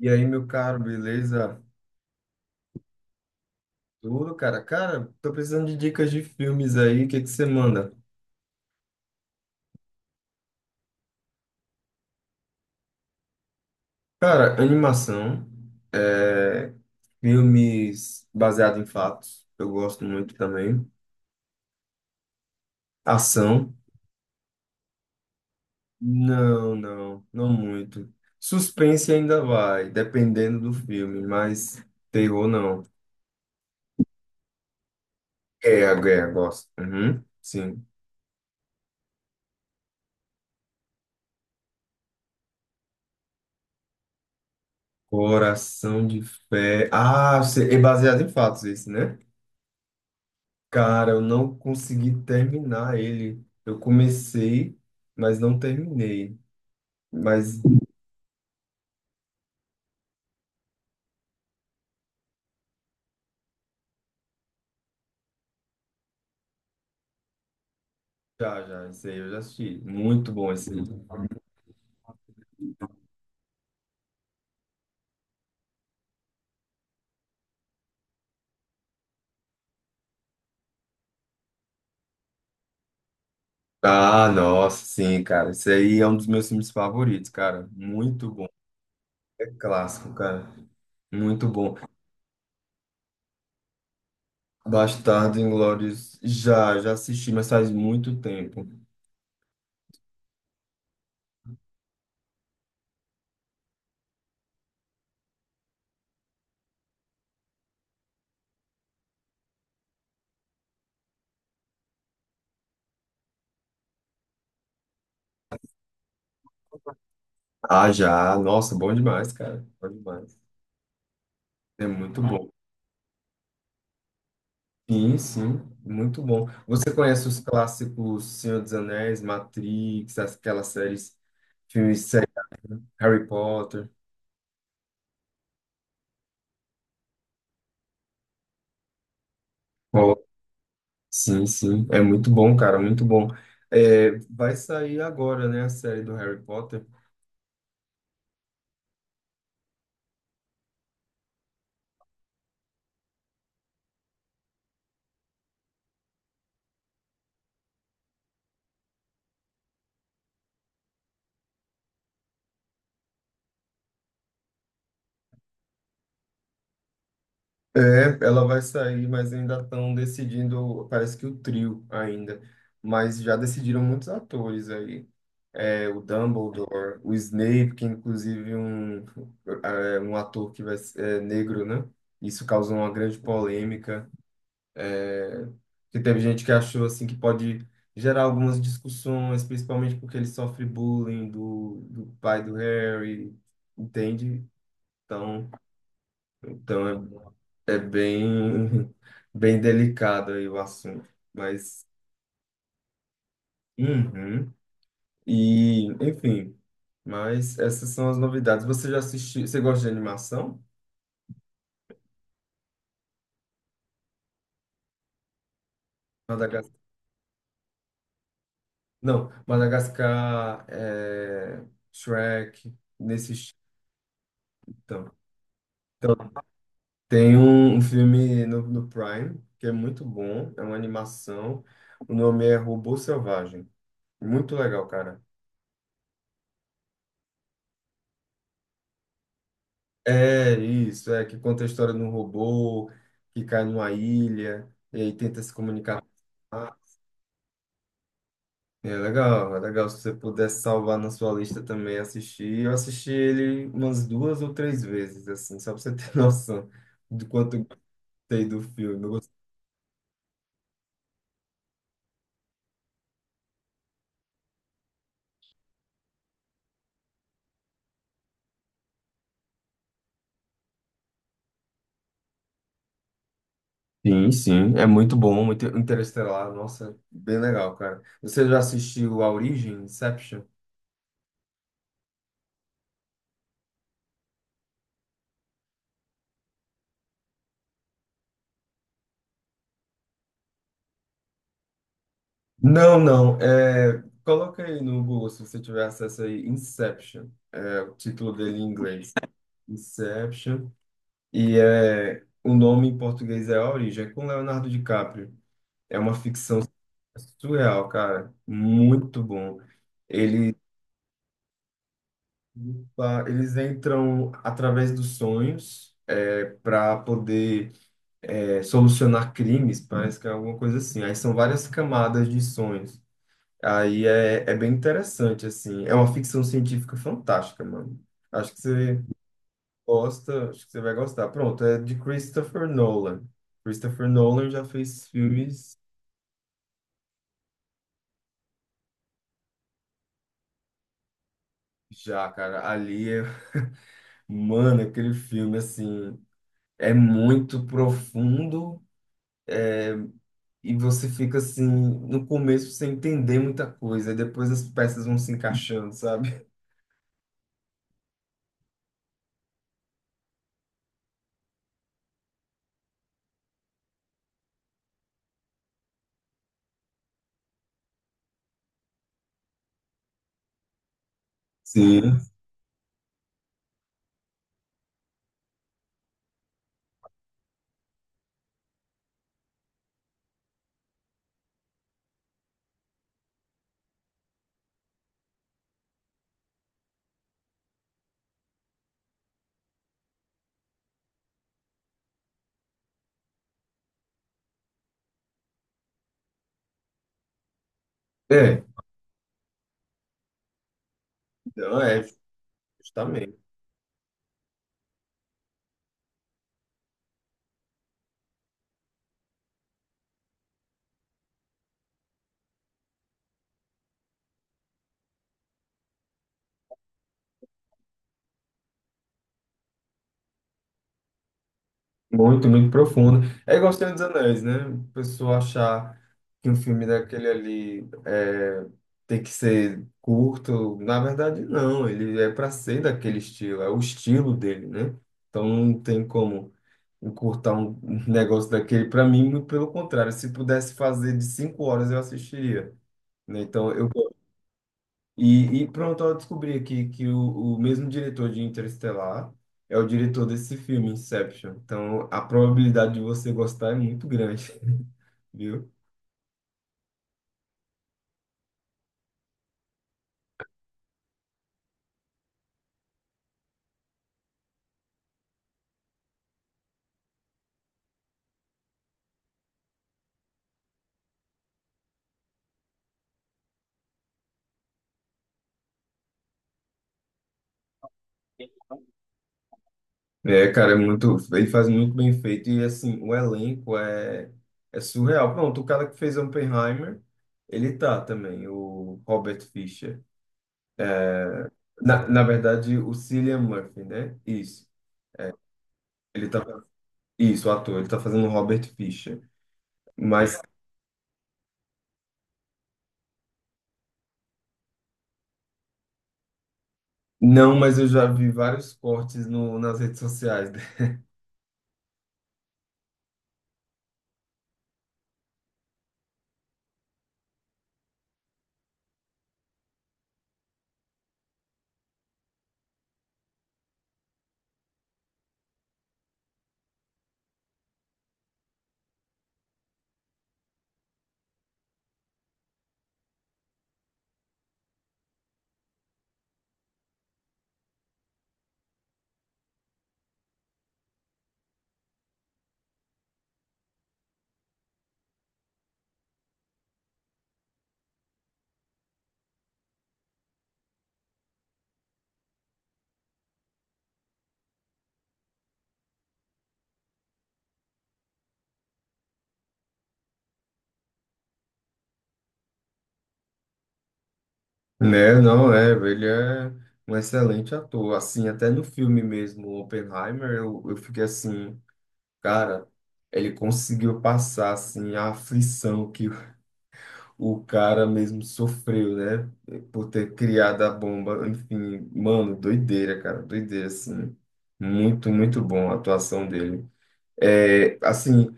E aí, meu caro, beleza? Tudo, cara? Cara, tô precisando de dicas de filmes aí, o que que você manda? Cara, animação, é, filmes baseados em fatos, eu gosto muito também. Ação, não, não, não muito. Suspense ainda vai, dependendo do filme, mas terror não. Guerra, guerra, gosto. Uhum, sim. Coração de Ferro. Ah, é baseado em fatos isso, né? Cara, eu não consegui terminar ele. Eu comecei, mas não terminei. Mas já, já, isso aí eu já assisti. Muito bom esse livro. Ah, nossa, sim, cara. Esse aí é um dos meus filmes favoritos, cara. Muito bom. É clássico, cara. Muito bom. Bastardo Inglórios, já, já assisti, mas faz muito tempo. Ah, já. Nossa, bom demais, cara. Bom demais. É muito bom. Sim, sim, muito bom. Você conhece os clássicos Senhor dos Anéis, Matrix, aquelas séries, filmes, séries, Harry Potter? Oh, sim, sim, é muito bom, cara, muito bom. É, vai sair agora, né, a série do Harry Potter? É, ela vai sair, mas ainda estão decidindo, parece que o trio ainda, mas já decidiram muitos atores aí. É, o Dumbledore, o Snape, que é inclusive um, é, um ator que vai, é negro, né? Isso causou uma grande polêmica. É, que teve gente que achou assim que pode gerar algumas discussões, principalmente porque ele sofre bullying do pai do Harry, entende? Então, então é, é bem, bem delicado aí o assunto. Mas, uhum. E, enfim. Mas essas são as novidades. Você já assistiu? Você gosta de animação? Madagascar. Não, Madagascar, é, Shrek, nesse estilo. Então, então, tem um, um filme no, no Prime que é muito bom. É uma animação. O nome é Robô Selvagem. Muito legal, cara. É isso, é que conta a história de um robô que cai numa ilha e aí tenta se comunicar. É legal se você pudesse salvar na sua lista também assistir. Eu assisti ele umas duas ou três vezes, assim, só pra você ter noção do quanto eu gostei do filme. Eu gostei. Sim, sim, é muito bom, muito interestelar, nossa, bem legal, cara. Você já assistiu A Origem, Inception? Não, não, é... Coloca aí no Google, se você tiver acesso aí, Inception, é o título dele em inglês. Inception, e é... o nome em português é A Origem, é com Leonardo DiCaprio. É uma ficção surreal, cara. Muito bom. Ele, eles entram através dos sonhos é, para poder é, solucionar crimes, parece que é alguma coisa assim. Aí são várias camadas de sonhos. Aí é, é bem interessante, assim. É uma ficção científica fantástica, mano. Acho que você gosta, acho que você vai gostar. Pronto, é de Christopher Nolan. Christopher Nolan já fez filmes já, cara. Ali é, mano, aquele filme assim. É muito profundo e você fica assim, no começo sem entender muita coisa, e depois as peças vão se encaixando, sabe? Sim. É, então é, justamente. Muito, muito profundo. É igual Senhor dos Anéis, né? A pessoa achar que um filme daquele ali é, tem que ser curto. Na verdade, não. Ele é para ser daquele estilo, é o estilo dele, né? Então não tem como encurtar um negócio daquele. Para mim, muito pelo contrário, se pudesse fazer de 5 horas, eu assistiria, né? Então, eu. E pronto, eu descobri aqui que o mesmo diretor de Interestelar é o diretor desse filme, Inception. Então, a probabilidade de você gostar é muito grande, viu? É, cara, é muito. Ele faz muito bem feito. E, assim, o elenco é, é surreal. Pronto, o cara que fez Oppenheimer, ele tá também, o Robert Fischer. Na, na verdade, o Cillian Murphy, né? Isso. Ele tá, isso, o ator. Ele tá fazendo o Robert Fisher. Mas, não, mas eu já vi vários cortes no, nas redes sociais, dele. Né? Não, é, ele é um excelente ator. Assim, até no filme mesmo, Oppenheimer, eu fiquei assim, cara, ele conseguiu passar, assim, a aflição que o cara mesmo sofreu, né? Por ter criado a bomba. Enfim, mano, doideira, cara. Doideira, assim. Muito, muito bom a atuação dele. É, assim,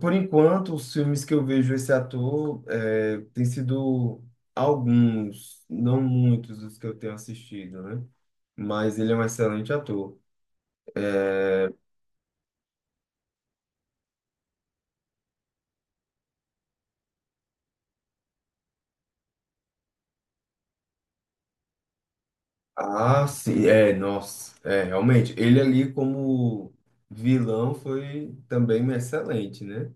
por enquanto, os filmes que eu vejo esse ator é, tem sido alguns, não muitos dos que eu tenho assistido, né? Mas ele é um excelente ator. Ah, sim, é, nossa, é, realmente. Ele ali como vilão foi também excelente, né?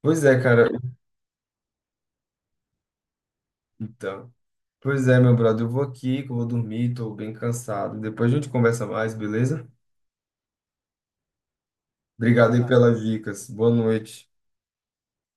Pois é, cara. Então, pois é, meu brother, eu vou aqui, que eu vou dormir, tô bem cansado. Depois a gente conversa mais, beleza? Obrigado aí. Tá, pelas dicas. Boa noite.